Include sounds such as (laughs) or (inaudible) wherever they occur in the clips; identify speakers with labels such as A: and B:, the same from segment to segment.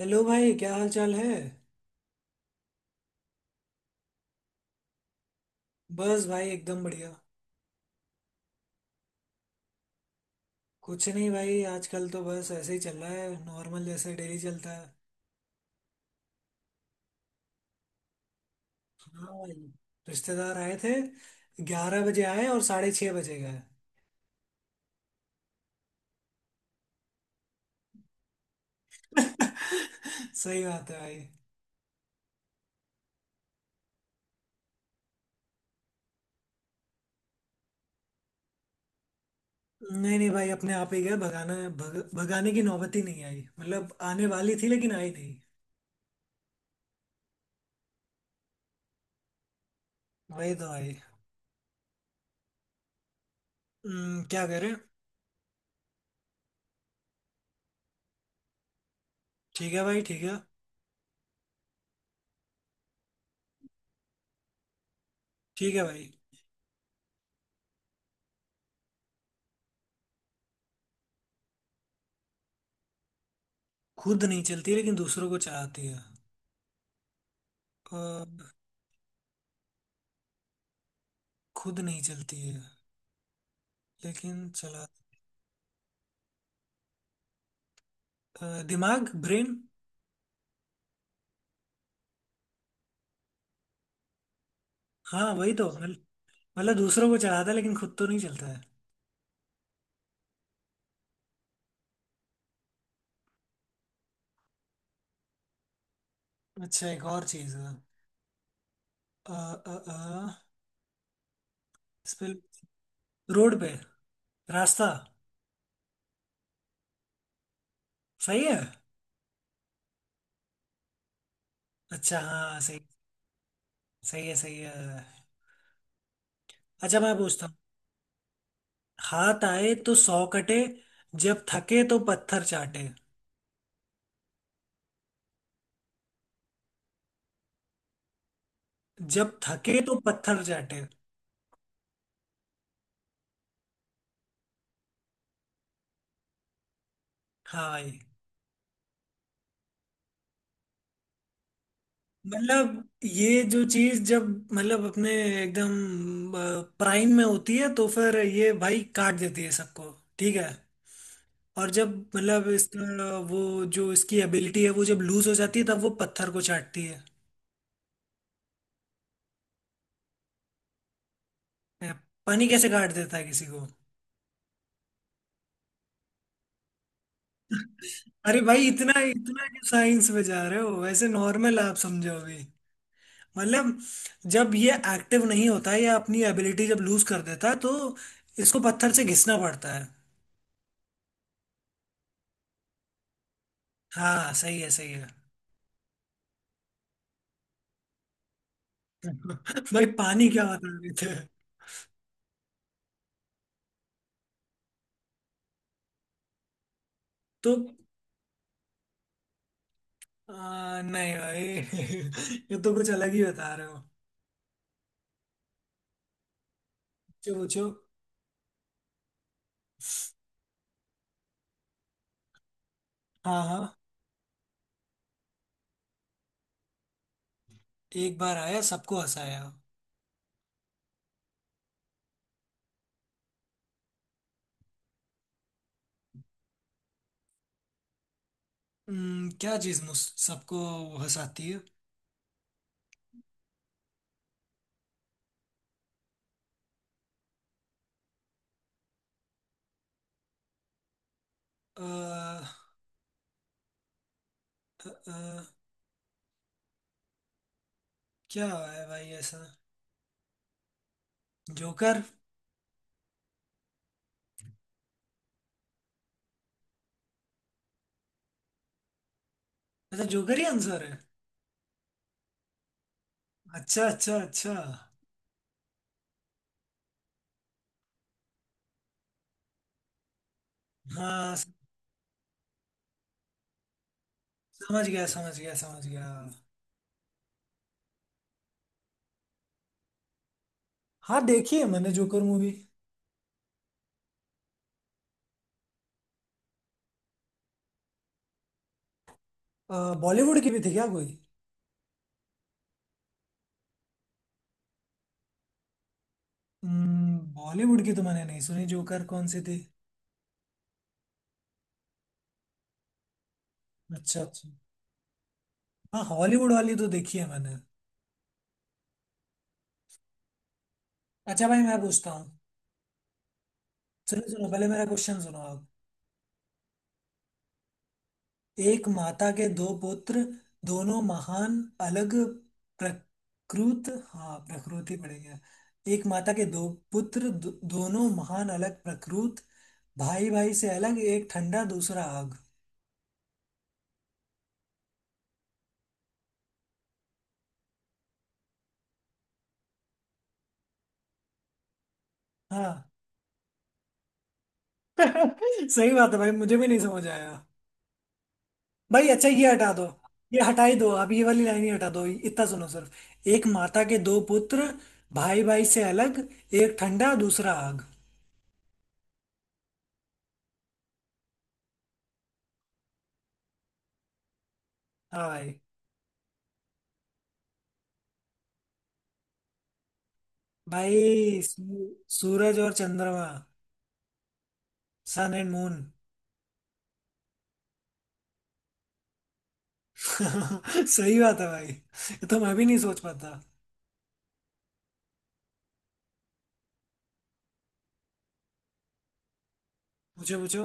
A: Hello भाई, क्या हाल चाल है। बस भाई एकदम बढ़िया। कुछ नहीं भाई, आजकल तो बस ऐसे ही चल रहा है, नॉर्मल जैसे डेली चलता है। हाँ भाई, रिश्तेदार आए थे। 11 बजे आए और 6:30 बजे गए। (laughs) सही बात है भाई। नहीं नहीं भाई, अपने आप ही गए। भगाना भगाने की नौबत ही नहीं आई। मतलब आने वाली थी लेकिन आई नहीं। वही तो भाई। क्या करें। ठीक है भाई, ठीक है। ठीक है भाई। खुद नहीं चलती लेकिन दूसरों को चाहती है। और खुद नहीं चलती है लेकिन चला। दिमाग, ब्रेन। हाँ वही तो मतलब दूसरों को चलाता है लेकिन खुद तो नहीं चलता है। अच्छा एक और चीज है। अ, अ, अ, इस पे, रोड पे, रास्ता। सही है। अच्छा हाँ सही। सही है, सही है। अच्छा मैं पूछता हूँ। हाथ आए तो 100 कटे, जब थके तो पत्थर चाटे। जब थके तो पत्थर चाटे। हाँ भाई। मतलब ये जो चीज जब, मतलब अपने एकदम प्राइम में होती है तो फिर ये भाई काट देती है सबको। ठीक है। और जब मतलब इसका वो, जो इसकी एबिलिटी है वो जब लूज हो जाती है तब वो पत्थर को चाटती है। ए, पानी कैसे काट देता है किसी को। अरे भाई इतना इतना क्यों साइंस में जा रहे हो, वैसे नॉर्मल आप समझो अभी। मतलब जब ये एक्टिव नहीं होता है या अपनी एबिलिटी जब लूज कर देता है तो इसको पत्थर से घिसना पड़ता है। हाँ सही है, सही है। भाई पानी क्या बता रहे थे। तो नहीं भाई, (laughs) ये तो कुछ अलग ही बता रहे हो। पूछो पूछो। हाँ हाँ। एक बार आया, सबको हंसाया। क्या चीज मुझ सबको हंसाती है। आ, क्या है भाई ऐसा। जोकर। अच्छा जोकर ही आंसर है। अच्छा अच्छा अच्छा। हाँ समझ गया, समझ गया, समझ गया। हाँ देखी है मैंने जोकर मूवी। बॉलीवुड की भी थी क्या कोई। बॉलीवुड की तो मैंने नहीं सुनी, जोकर कौन सी थी। अच्छा अच्छा। हाँ हॉलीवुड वाली तो देखी है मैंने। अच्छा भाई मैं पूछता हूँ। सुनो सुनो, पहले मेरा क्वेश्चन सुनो आप। एक माता के 2 पुत्र, दोनों महान, अलग प्रकृत, हाँ प्रकृति पड़ेगा। एक माता के दो पुत्र, दोनों महान, अलग प्रकृत, भाई भाई से अलग, एक ठंडा दूसरा आग। हाँ। (laughs) सही बात है भाई, मुझे भी नहीं समझ आया। भाई अच्छा ये हटा दो। ये हटा ही दो, अब ये वाली लाइन ही हटा दो, इतना सुनो सिर्फ। एक माता के दो पुत्र, भाई भाई से अलग, एक ठंडा दूसरा आग। हाँ भाई। भाई सू- सूरज और चंद्रमा, सन एंड मून। (laughs) सही बात है भाई, ये तो मैं भी नहीं सोच पाता। पूछो पूछो।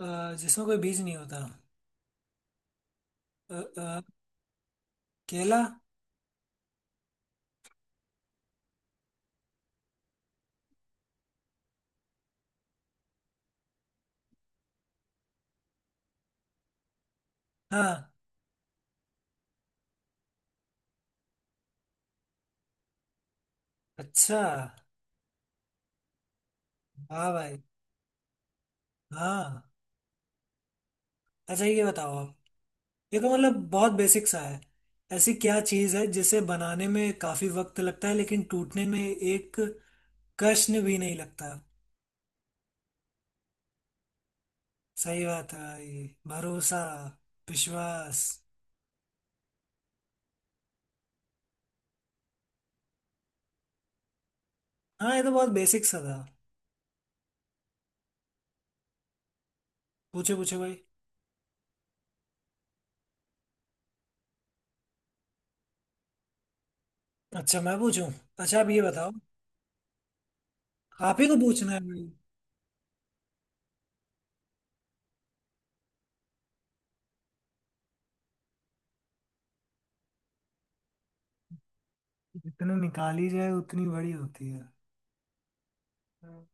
A: जिसमें कोई बीज नहीं होता। अ, अ, केला। हाँ। अच्छा। हाँ भाई। हाँ। अच्छा ये बताओ आप। देखो मतलब बहुत बेसिक सा है। ऐसी क्या चीज़ है जिसे बनाने में काफी वक्त लगता है लेकिन टूटने में एक कष्ण भी नहीं लगता। सही बात है भाई, भरोसा, विश्वास। हाँ ये तो बहुत बेसिक सा था। पूछो पूछो भाई। अच्छा मैं पूछूं। अच्छा आप ये बताओ। आप ही को पूछना है भाई। जितने निकाली जाए उतनी बड़ी होती है। हम्म,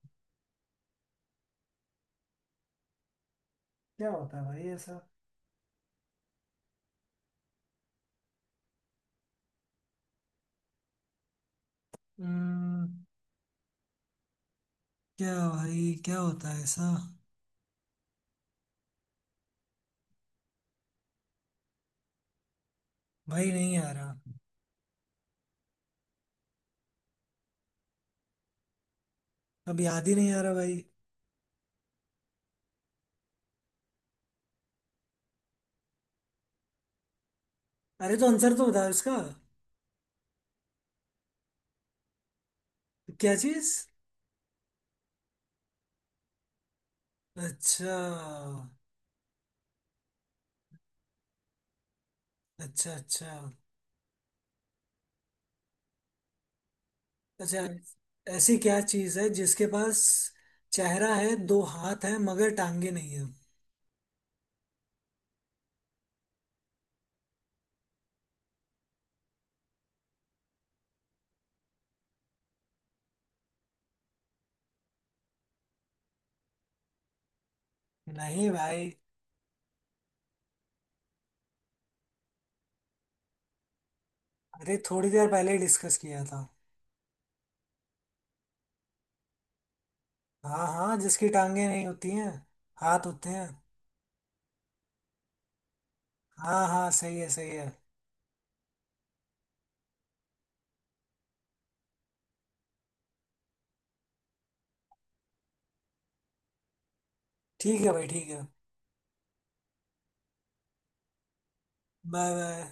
A: क्या होता है भाई ऐसा। हम्म, क्या भाई, क्या होता है ऐसा। भाई नहीं आ रहा। अब याद ही नहीं आ रहा भाई। अरे तो आंसर तो बताओ इसका। क्या चीज। अच्छा अच्छा अच्छा अच्छा। ऐसी क्या चीज है जिसके पास चेहरा है, 2 हाथ है, मगर टांगे नहीं है। नहीं भाई। अरे थोड़ी देर पहले ही डिस्कस किया था। हाँ हाँ, जिसकी टांगे नहीं होती हैं, हाथ होते हैं। हाँ हाँ सही है, सही है। ठीक है भाई, ठीक है। Bye bye.